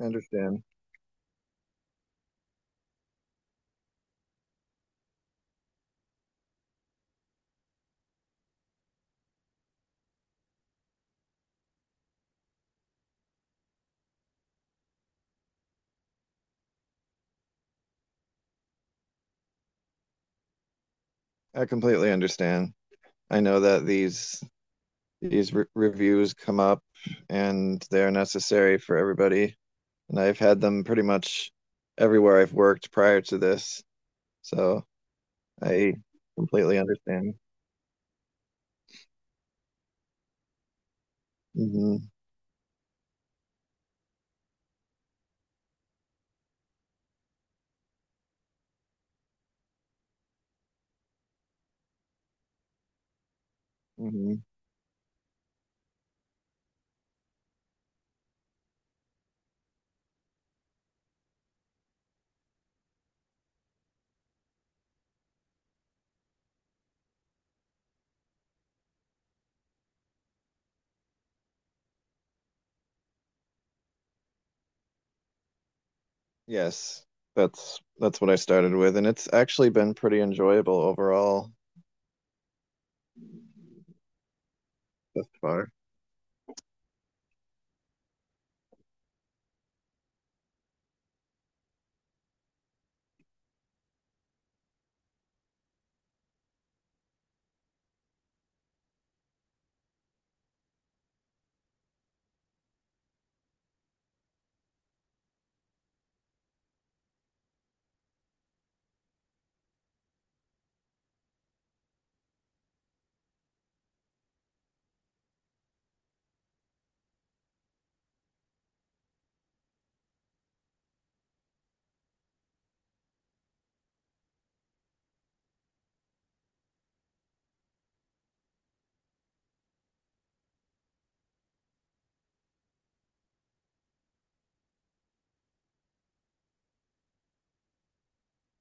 I understand. I completely understand. I know that reviews come up and they're necessary for everybody, and I've had them pretty much everywhere I've worked prior to this, so I completely understand. Hmm, hmm. Yes, that's what I started with, and it's actually been pretty enjoyable overall thus far.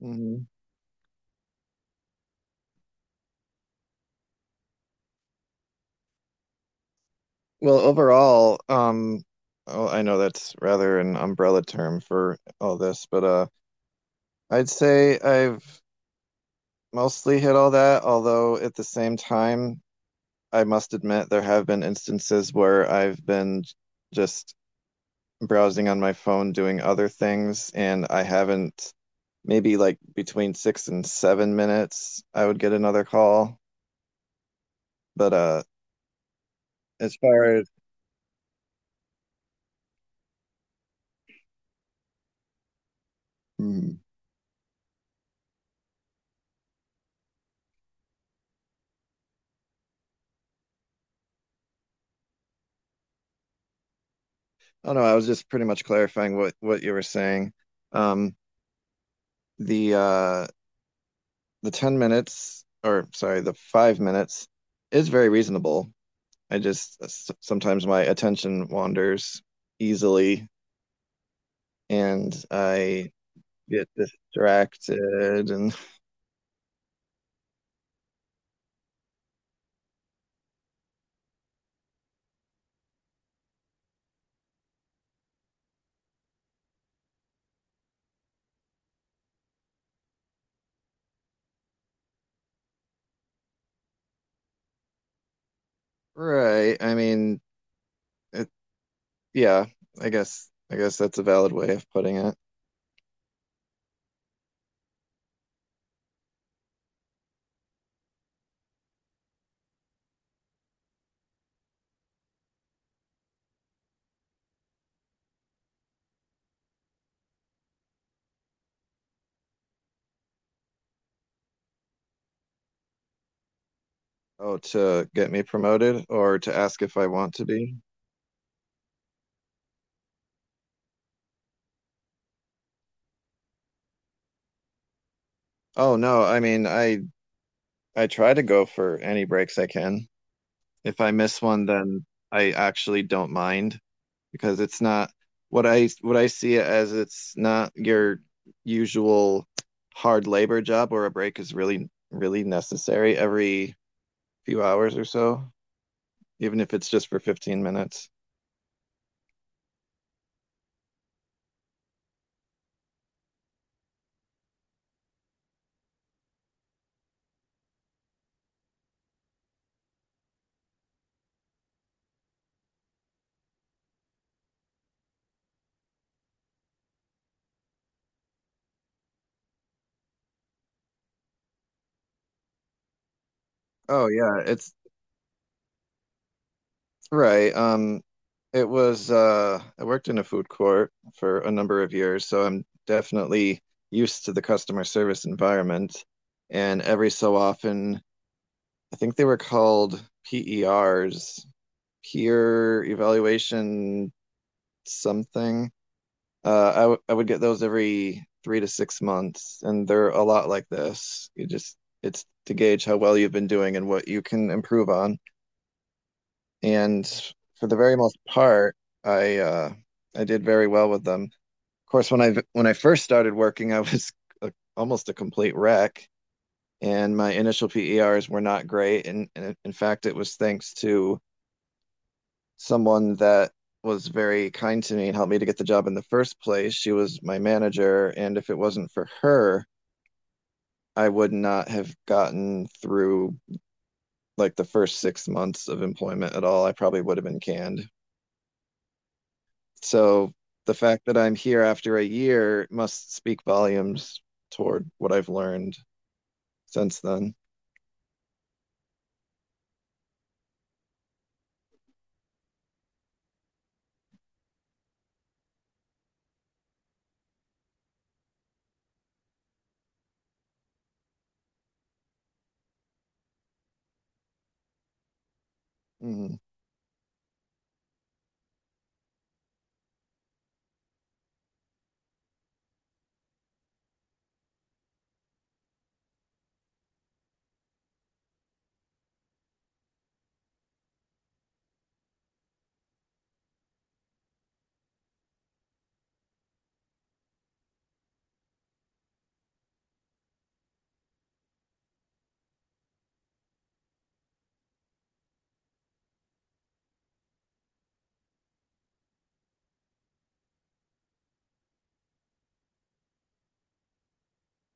Hmm. Well, overall, oh, I know that's rather an umbrella term for all this, but I'd say I've mostly hit all that, although at the same time, I must admit there have been instances where I've been just browsing on my phone doing other things, and I haven't, maybe like between 6 and 7 minutes, I would get another call. But as far as. Hmm. Oh no, I was just pretty much clarifying what you were saying. Um, the uh the 10 minutes, or sorry, the 5 minutes is very reasonable. I just sometimes my attention wanders easily and I get distracted and. Right, I mean it, yeah, I guess that's a valid way of putting it. Oh, to get me promoted or to ask if I want to be? Oh no, I mean I try to go for any breaks I can. If I miss one, then I actually don't mind, because it's not what I see it as, it's not your usual hard labor job where a break is really really necessary every few hours or so, even if it's just for 15 minutes. Oh yeah, it's right. It was I worked in a food court for a number of years, so I'm definitely used to the customer service environment. And every so often, I think they were called PERs, peer evaluation something. I would get those every 3 to 6 months, and they're a lot like this. You just it's to gauge how well you've been doing and what you can improve on. And for the very most part, I uh, I did very well with them. Of course, when I first started working, I was almost a complete wreck, and my initial PERs were not great. And in fact, it was thanks to someone that was very kind to me and helped me to get the job in the first place. She was my manager, and if it wasn't for her, I would not have gotten through like the first 6 months of employment at all. I probably would have been canned. So the fact that I'm here after a year must speak volumes toward what I've learned since then. Mhm.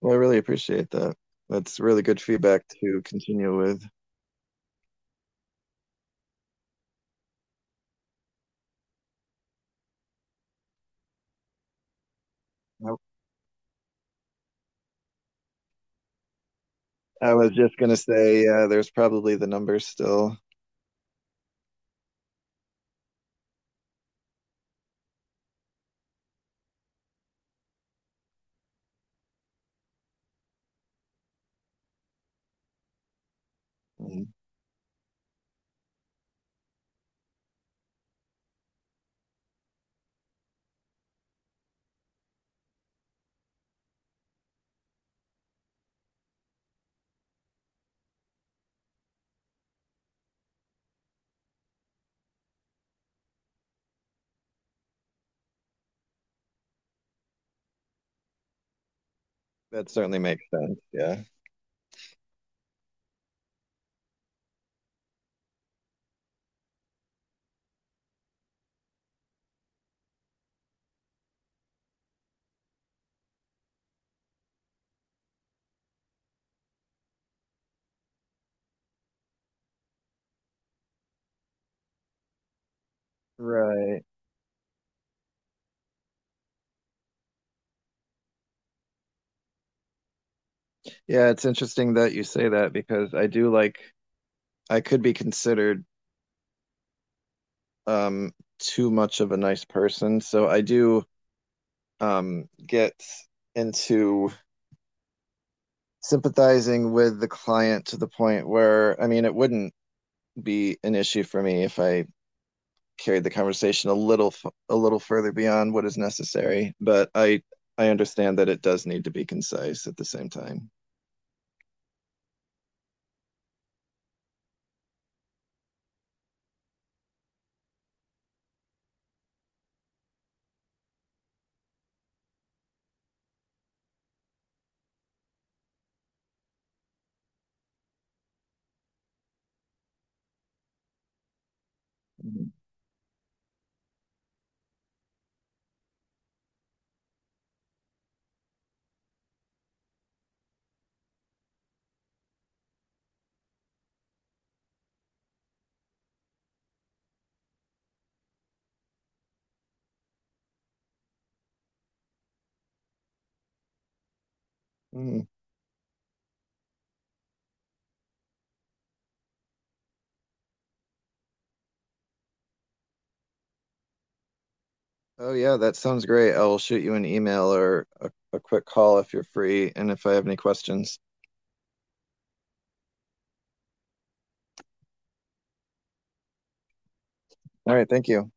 Well, I really appreciate that. That's really good feedback to continue with. I I was just gonna say, there's probably the numbers still. Mm. That certainly makes sense. Yeah. Right. Yeah, it's interesting that you say that because I do like I could be considered um too much of a nice person. So I do get into sympathizing with the client to the point where I mean it wouldn't be an issue for me if I carried the conversation a little a little further beyond what is necessary, but I understand that it does need to be concise at the same time. Mm. Oh yeah, that sounds great. I'll shoot you an email or a quick call if you're free and if I have any questions. All right, thank you.